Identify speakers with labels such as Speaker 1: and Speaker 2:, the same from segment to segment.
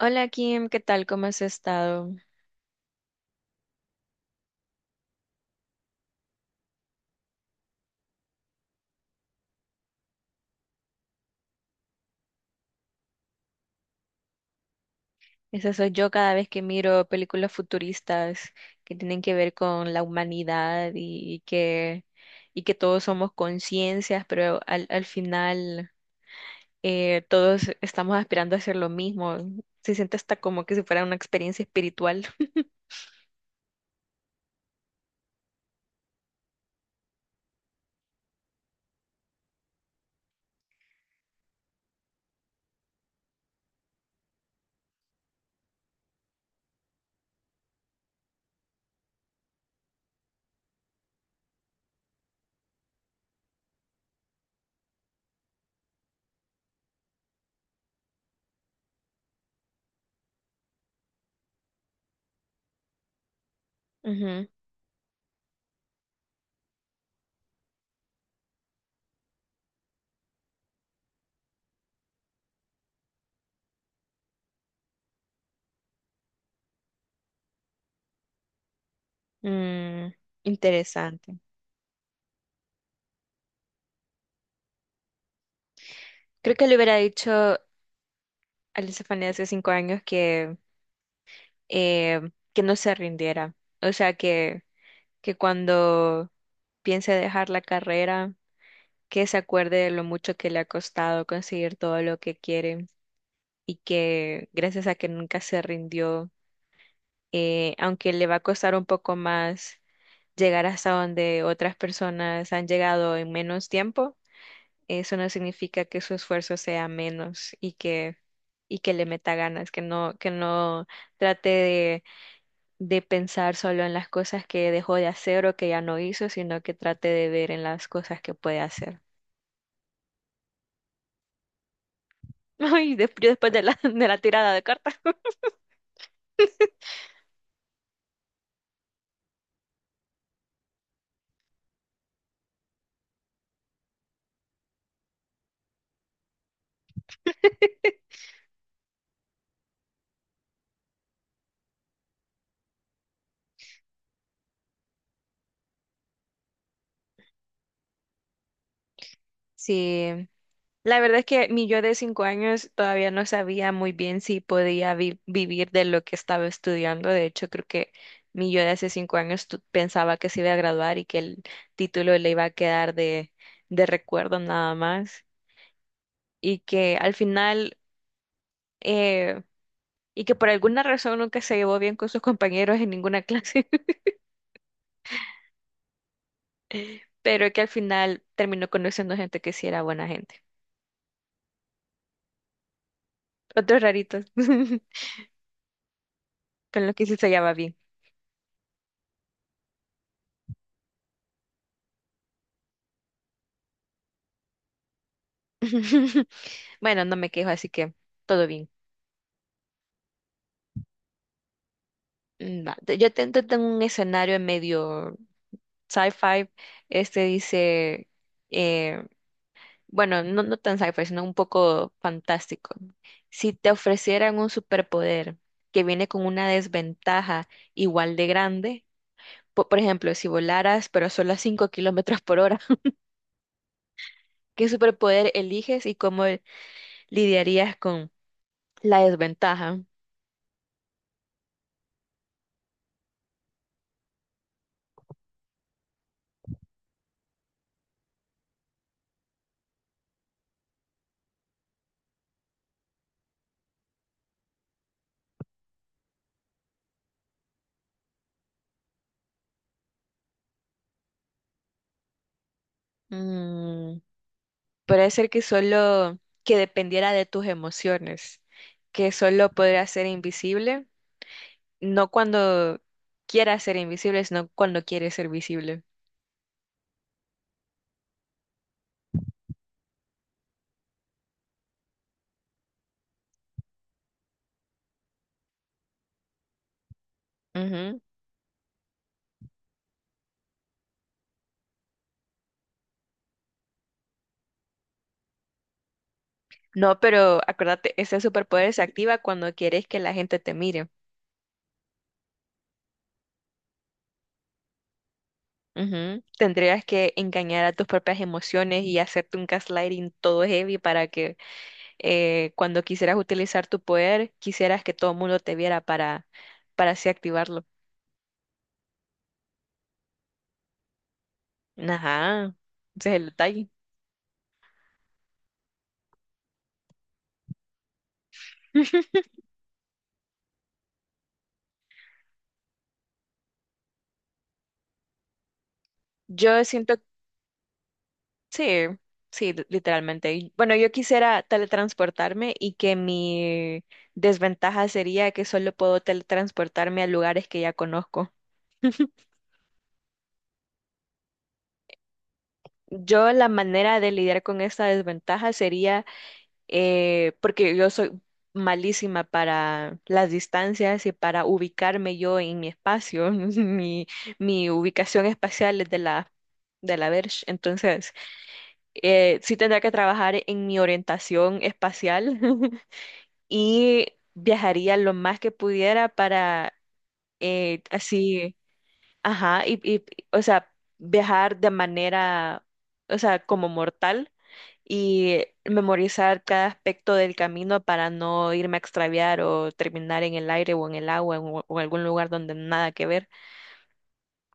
Speaker 1: Hola Kim, ¿qué tal? ¿Cómo has estado? Esa soy yo cada vez que miro películas futuristas que tienen que ver con la humanidad y que todos somos conciencias, pero al final todos estamos aspirando a hacer lo mismo. Se siente hasta como que si fuera una experiencia espiritual. Ujú. Mm, interesante. Creo que le hubiera dicho a Lisa Fanny hace cinco años eh, que no se rindiera. O sea, que cuando piense dejar la carrera, que se acuerde de lo mucho que le ha costado conseguir todo lo que quiere y que gracias a que nunca se rindió, aunque le va a costar un poco más llegar hasta donde otras personas han llegado en menos tiempo, eso no significa que su esfuerzo sea menos y que le meta ganas, que no trate de pensar solo en las cosas que dejó de hacer o que ya no hizo, sino que trate de ver en las cosas que puede hacer. Ay, yo después de la, de la tirada de cartas. Sí, la verdad es que mi yo de cinco años todavía no sabía muy bien si podía vivir de lo que estaba estudiando. De hecho, creo que mi yo de hace cinco años pensaba que se iba a graduar y que el título le iba a quedar de recuerdo nada más. Y que al final... eh, y que por alguna razón nunca se llevó bien con sus compañeros en ninguna clase, pero que al final terminó conociendo gente que sí era buena gente. Otros raritos con los que sí se llevaba bien. Bueno, no me quejo, así que todo bien. Mm, va. Te tengo un escenario medio sci-fi. Este dice, eh, bueno, no, no tan sci-fi, sino un poco fantástico. Si te ofrecieran un superpoder que viene con una desventaja igual de grande, por ejemplo, si volaras, pero solo a 5 kilómetros por hora. ¿Qué superpoder eliges y cómo lidiarías con la desventaja? Mm, puede ser que solo que dependiera de tus emociones, que solo podrías ser invisible, no cuando quieras ser invisible, sino cuando quieres ser visible. Ujú. No, pero acuérdate, ese superpoder se activa cuando quieres que la gente te mire. Ujú. Tendrías que engañar a tus propias emociones y hacerte un gaslighting todo heavy para que cuando quisieras utilizar tu poder, quisieras que todo el mundo te viera para así activarlo. Ajá, ese es el detalle. Yo siento, sí, sí, literalmente. Y bueno, yo quisiera teletransportarme y que mi desventaja sería que solo puedo teletransportarme a lugares que ya conozco. Yo la manera de lidiar con esta desventaja sería porque yo soy malísima para las distancias y para ubicarme yo en mi espacio, mi ubicación espacial es de la Verge, entonces sí tendría que trabajar en mi orientación espacial y viajaría lo más que pudiera para así, ajá, y o sea, viajar de manera, o sea, como mortal y memorizar cada aspecto del camino para no irme a extraviar o terminar en el aire o en el agua o algún lugar donde nada que ver,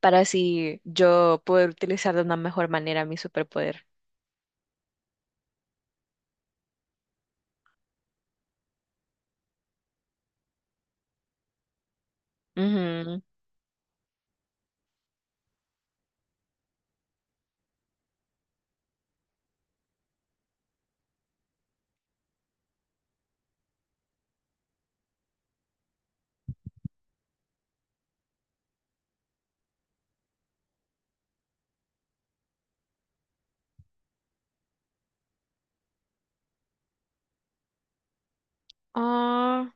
Speaker 1: para así yo poder utilizar de una mejor manera mi superpoder. Ujú. Ah,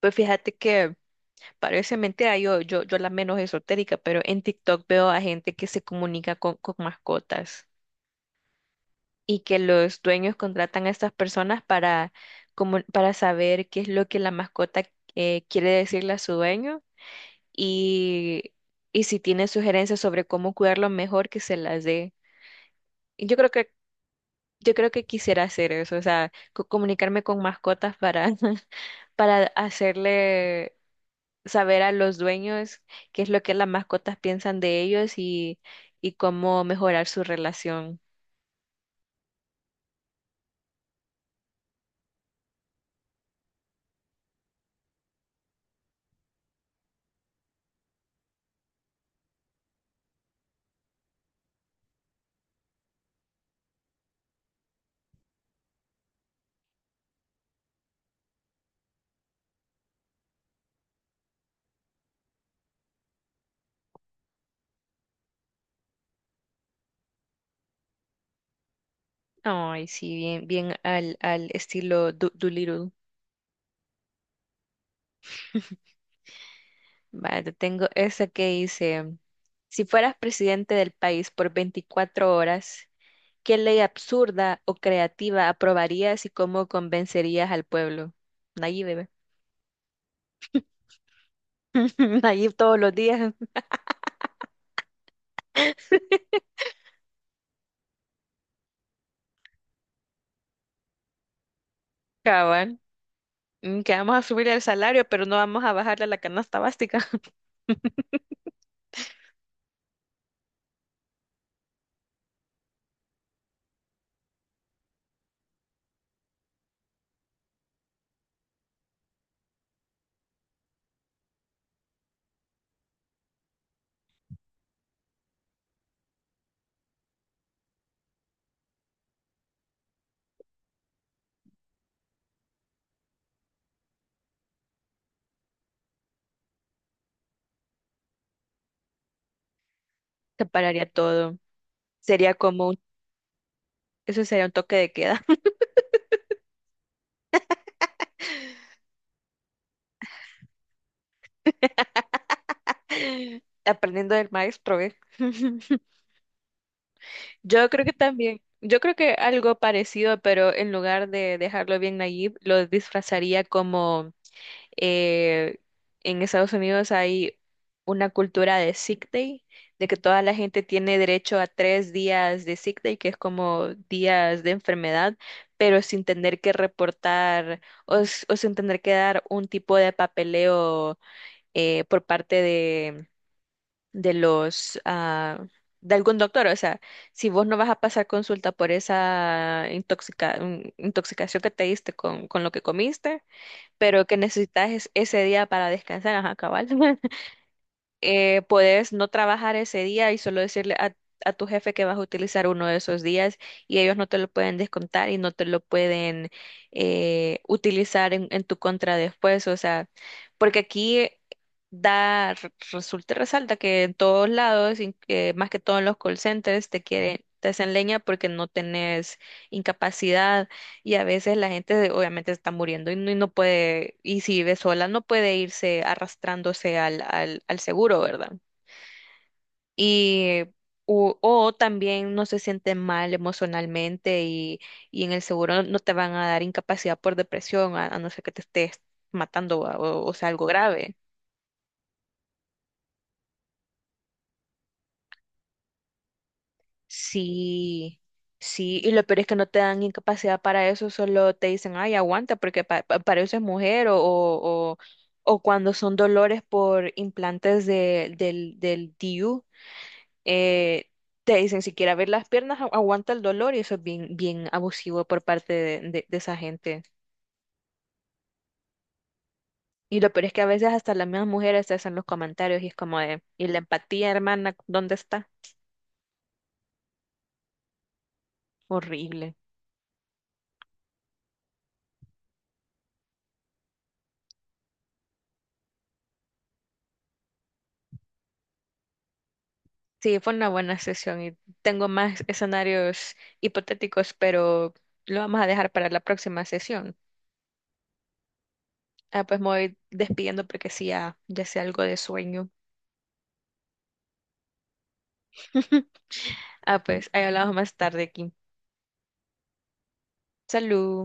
Speaker 1: pues fíjate que parece mentira, yo la menos esotérica, pero en TikTok veo a gente que se comunica con mascotas y que los dueños contratan a estas personas para, como, para saber qué es lo que la mascota quiere decirle a su dueño y, y si tiene sugerencias sobre cómo cuidarlo mejor, que se las dé. Y Yo creo que, yo creo que quisiera hacer eso, o sea, comunicarme con mascotas para, para hacerle saber a los dueños qué es lo que las mascotas piensan de ellos y cómo mejorar su relación. Ay, sí, bien, bien al, al estilo Doolittle. Vale, te tengo esa que dice, si fueras presidente del país por 24 horas, ¿qué ley absurda o creativa aprobarías y cómo convencerías al pueblo? Nayib, bebé. Nayib todos los días. Cabal. Mm, que vamos a subir el salario, pero no vamos a bajarle a la canasta básica. Se pararía todo. Sería como un- eso sería un toque de queda. Aprendiendo del maestro, ¿eh? Yo creo que también, yo creo que algo parecido, pero en lugar de dejarlo bien Nayib, lo disfrazaría como eh, en Estados Unidos hay una cultura de sick day, de que toda la gente tiene derecho a 3 días de sick day, que es como días de enfermedad, pero sin tener que reportar o, o sin tener que dar un tipo de papeleo por parte de los... ah, de algún doctor, o sea, si vos no vas a pasar consulta por esa intoxicación que te diste con lo que comiste, pero que necesitas ese día para descansar, ajá, cabal. Puedes no trabajar ese día y solo decirle a tu jefe que vas a utilizar uno de esos días y ellos no te lo pueden descontar y no te lo pueden utilizar en tu contra después, o sea, porque aquí da, resulta, y resalta que en todos lados, más que todo en los call centers, te quieren, te hacen leña porque no tenés incapacidad y a veces la gente obviamente está muriendo y no puede, y si vive sola, no puede irse arrastrándose al, al seguro, ¿verdad? Y o también no se siente mal emocionalmente y en el seguro no te van a dar incapacidad por depresión, a no ser que te estés matando o sea algo grave. Sí, sí, y lo peor es que no te dan incapacidad para eso, solo te dicen, ay, aguanta, porque para eso es mujer, o cuando son dolores por implantes de, del DIU, eh, te dicen, si quieres abrir las piernas, aguanta el dolor, y eso es bien, bien abusivo por parte de, de esa gente. Y lo peor es que a veces hasta las mismas mujeres te hacen los comentarios y es como de, ¿y la empatía, hermana, dónde está? Horrible. Sí, fue una buena sesión y tengo más escenarios hipotéticos, pero lo vamos a dejar para la próxima sesión. Ah, pues me voy despidiendo porque sí, ya, ya sé algo de sueño. Ah, pues ahí hablamos más tarde, Kim. Salud.